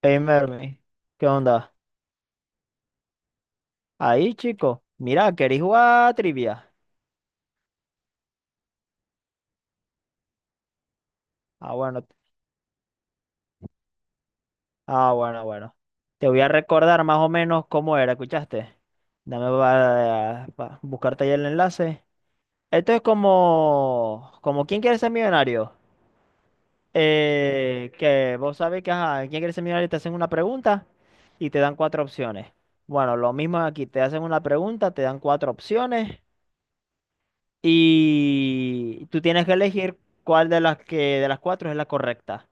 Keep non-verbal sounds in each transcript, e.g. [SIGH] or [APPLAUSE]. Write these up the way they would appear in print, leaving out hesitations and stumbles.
Hey Mermi, ¿qué onda? Ahí, chico. Mira, ¿queréis jugar a trivia? Ah, bueno, ah, bueno, bueno. Te voy a recordar más o menos cómo era, ¿escuchaste? Dame para buscarte ahí el enlace. Esto es como ¿quién quiere ser millonario? Que vos sabés que, ajá, ¿quién quiere ser millonario? Te hacen una pregunta y te dan cuatro opciones. Bueno, lo mismo aquí, te hacen una pregunta, te dan cuatro opciones y tú tienes que elegir cuál de las que de las cuatro es la correcta.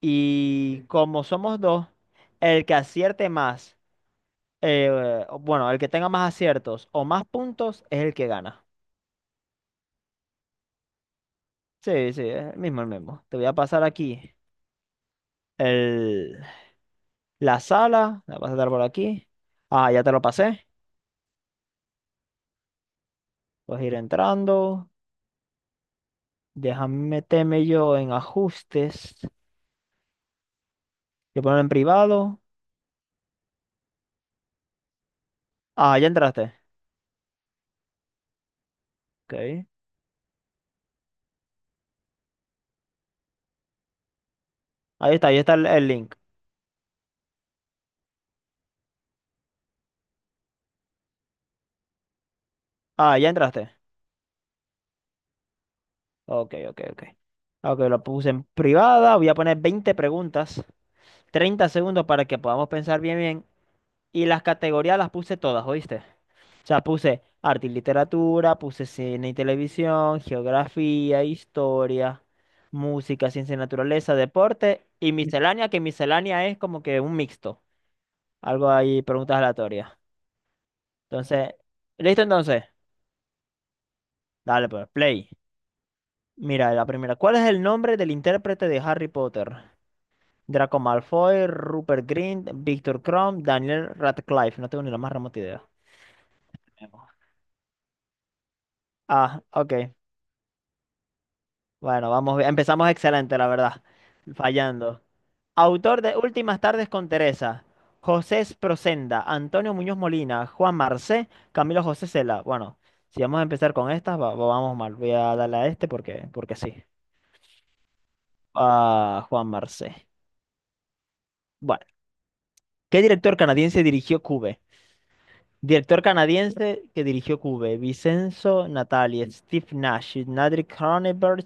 Y como somos dos, el que acierte más, eh, bueno, el que tenga más aciertos o más puntos es el que gana. Sí, sí, es el mismo, el mismo. Te voy a pasar aquí el, la sala, la vas a dar por aquí. Ah, ya te lo pasé. Puedes ir entrando. Déjame meterme yo en ajustes. Yo pongo en privado. Ah, ya entraste. Ok. Ahí está el link. Ah, ya entraste. Ok, ok, ok. Ok, lo puse en privada. Voy a poner 20 preguntas, 30 segundos para que podamos pensar bien, bien. Y las categorías las puse todas, ¿oíste? O sea, puse arte y literatura, puse cine y televisión, geografía, historia, música, ciencia y naturaleza, deporte y miscelánea, que miscelánea es como que un mixto. Algo ahí, preguntas aleatorias. Entonces, ¿listo entonces? Dale, pues, play. Mira, la primera. ¿Cuál es el nombre del intérprete de Harry Potter? Draco Malfoy, Rupert Grint, Victor Crumb, Daniel Radcliffe. No tengo ni la más remota idea. Ah, ok. Bueno, vamos bien. Empezamos excelente, la verdad. Fallando. Autor de Últimas tardes con Teresa. José Procenda, Antonio Muñoz Molina, Juan Marcé, Camilo José Cela. Bueno, si vamos a empezar con estas, vamos mal. Voy a darle a este porque sí. Ah, Juan Marcé. Bueno, ¿qué director canadiense dirigió Cube? Director canadiense que dirigió Cube, Vincenzo Natali, Steve Nash, Patrick Cronenberg,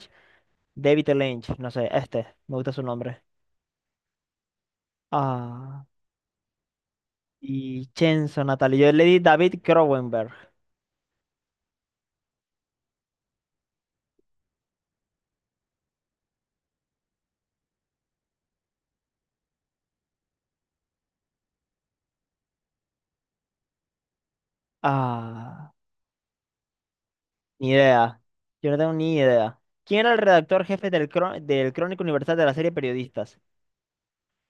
David Lynch, no sé, me gusta su nombre. Ah, y Chenzo Natali, yo le di David Cronenberg. Ah, ni idea, yo no tengo ni idea. ¿Quién era el redactor jefe del Crónica Universal de la serie Periodistas?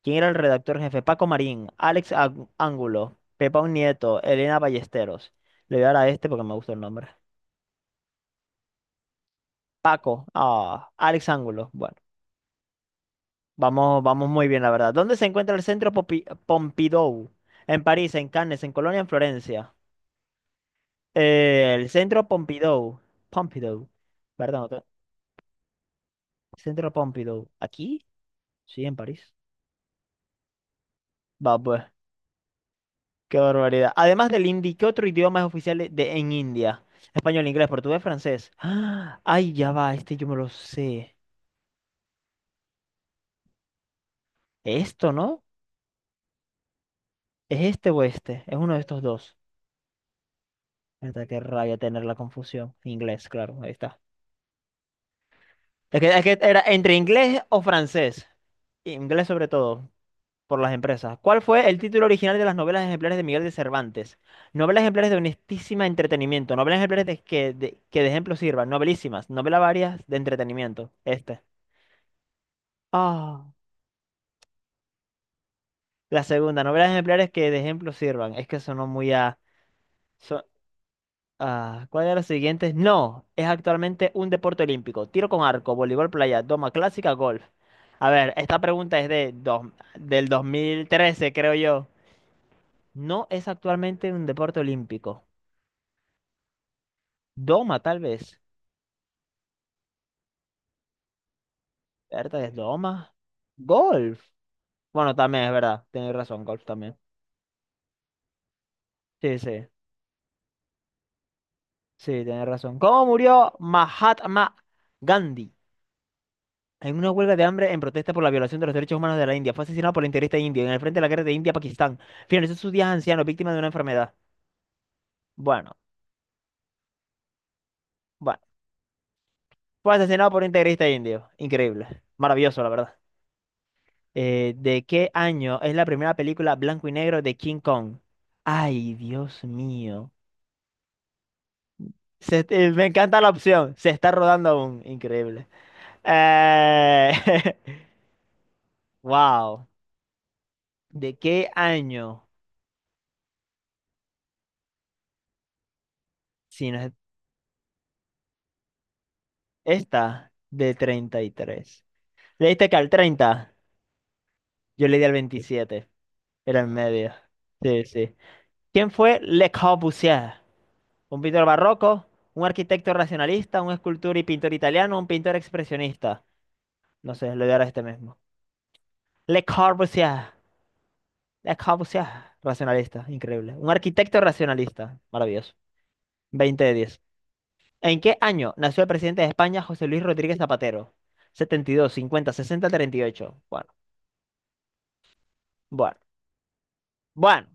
¿Quién era el redactor jefe? Paco Marín, Alex Ángulo, Pepa Un Nieto, Elena Ballesteros. Le voy a dar a este porque me gusta el nombre. Paco, ah, Alex Ángulo. Bueno. Vamos, vamos muy bien, la verdad. ¿Dónde se encuentra el centro Pompidou? En París, en Cannes, en Colonia, en Florencia. El centro Pompidou. Pompidou. Perdón, Centro Pompidou. ¿Aquí? Sí, en París. Va, pues. Qué barbaridad. Además del hindi, ¿qué otro idioma es oficial en India? Español, inglés, portugués, francés. ¡Ah! Ay, ya va, yo me lo sé. ¿Esto, no? ¿Es este o este? Es uno de estos dos. Ahorita qué rabia tener la confusión. Inglés, claro, ahí está. Es que era entre inglés o francés. Inglés sobre todo, por las empresas. ¿Cuál fue el título original de las novelas ejemplares de Miguel de Cervantes? Novelas ejemplares de honestísima entretenimiento. Novelas ejemplares que de ejemplo sirvan. Novelísimas. Novelas varias de entretenimiento. Este. Ah. La segunda. Novelas ejemplares que de ejemplo sirvan. Es que sonó muy a... so- Ah, ¿cuál de los siguientes no es actualmente un deporte olímpico? Tiro con arco, voleibol playa, doma clásica, golf. A ver, esta pregunta es del 2013, creo yo. No es actualmente un deporte olímpico. Doma, tal vez. ¿Verdad? ¿Es doma? Golf. Bueno, también es verdad. Tienes razón, golf también. Sí, sí. Sí, tienes razón. ¿Cómo murió Mahatma Gandhi? En una huelga de hambre en protesta por la violación de los derechos humanos de la India, fue asesinado por la integrista indio en el frente de la guerra de India-Pakistán. Finalizó sus días anciano, víctima de una enfermedad. Bueno, bueno. Fue asesinado por un integrista indio. Increíble. Maravilloso, la verdad. ¿De qué año es la primera película blanco y negro de King Kong? Ay, Dios mío. Me encanta la opción. Se está rodando aún. Increíble. Eh, [LAUGHS] Wow. ¿De qué año? Si no es esta, de 33. Le diste que al 30, yo le di al 27, era en medio. Sí, sí. ¿Quién fue Le Corbusier? Un pintor barroco, un arquitecto racionalista, un escultor y pintor italiano, un pintor expresionista. No sé, lo de ahora este mismo. Le Corbusier, Le Corbusier, racionalista, increíble. Un arquitecto racionalista, maravilloso. 20 de 10. ¿En qué año nació el presidente de España, José Luis Rodríguez Zapatero? 72, 50, 60, 38. Bueno, bueno, bueno,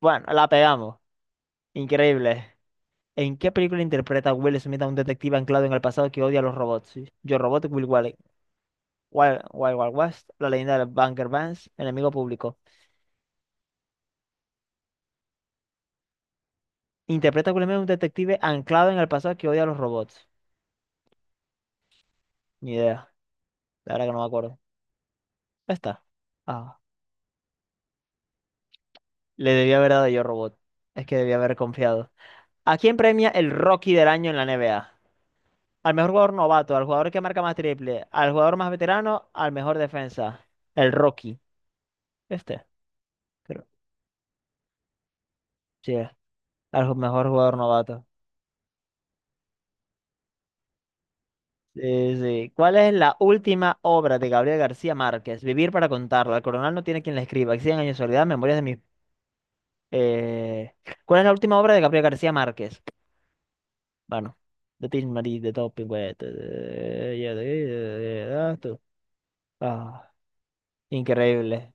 bueno, la pegamos. Increíble. ¿En qué película interpreta Will Smith a un detective anclado en el pasado que odia a los robots? Sí. Yo Robot, Will Wally, Wild, Wild Wild West, La leyenda del Bunker Vance, Enemigo Público. Interpreta a Will Smith a un detective anclado en el pasado que odia a los robots. Ni idea, la verdad que no me acuerdo. Está. Ah, le debía haber dado Yo Robot. Es que debía haber confiado. ¿A quién premia el Rocky del año en la NBA? Al mejor jugador novato, al jugador que marca más triple, al jugador más veterano, al mejor defensa. El Rocky. Este, creo. Sí, al mejor jugador novato. Sí, sí. ¿Cuál es la última obra de Gabriel García Márquez? Vivir para contarlo. El coronel no tiene quien la escriba. Cien años de soledad, memorias de mis... eh, ¿Cuál es la última obra de Gabriel García Márquez? Bueno, de Tin Marín, de Todo Pingüete, ah, tú. Ah, increíble.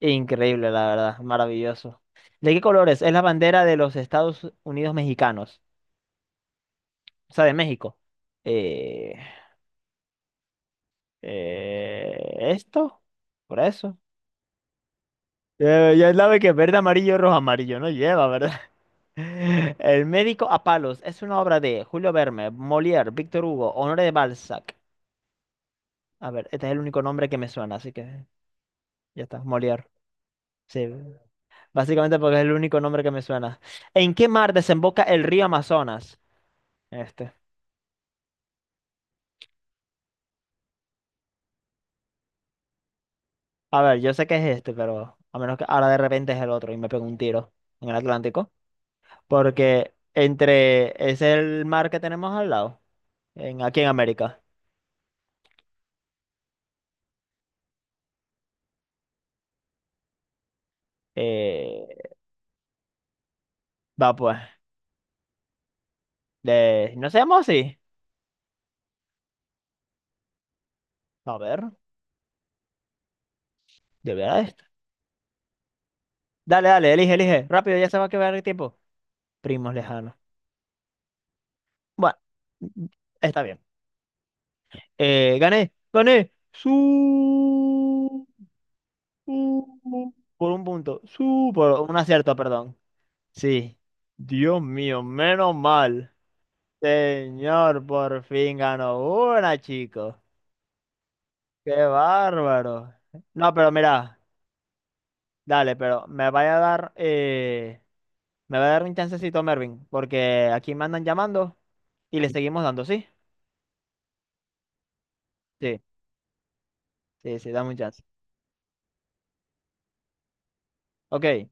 Increíble, la verdad. Maravilloso. ¿De qué colores es la bandera de los Estados Unidos mexicanos? O sea, de México. Eh, ¿esto? ¿Por eso? Ya, ya sabe que verde, amarillo, rojo, amarillo no lleva, ¿verdad? [LAUGHS] El médico a palos es una obra de Julio Verne, Molière, Víctor Hugo, Honoré de Balzac. A ver, este es el único nombre que me suena, así que ya está, Molière. Sí, básicamente porque es el único nombre que me suena. ¿En qué mar desemboca el río Amazonas? Este. A ver, yo sé que es este, pero a menos que ahora de repente es el otro y me pego un tiro en el Atlántico, porque entre es el mar que tenemos al lado, en, aquí en América. Eh, Va, pues. No seamos así. A ver, deberá esto. Dale, dale, elige, elige. Rápido, ya se va a quedar el tiempo. Primos lejanos. Bueno, mm, está bien. Gané, gané. Por un punto. Su. Por un acierto, perdón. Sí. Dios mío, menos mal. Señor, por fin ganó una, chico. Qué bárbaro. No, pero mira. Dale, pero me vaya a dar. Me va a dar un chancecito, Mervin, porque aquí me andan llamando y le seguimos dando, ¿sí? Sí, sí, sí, dame un chance. Ok,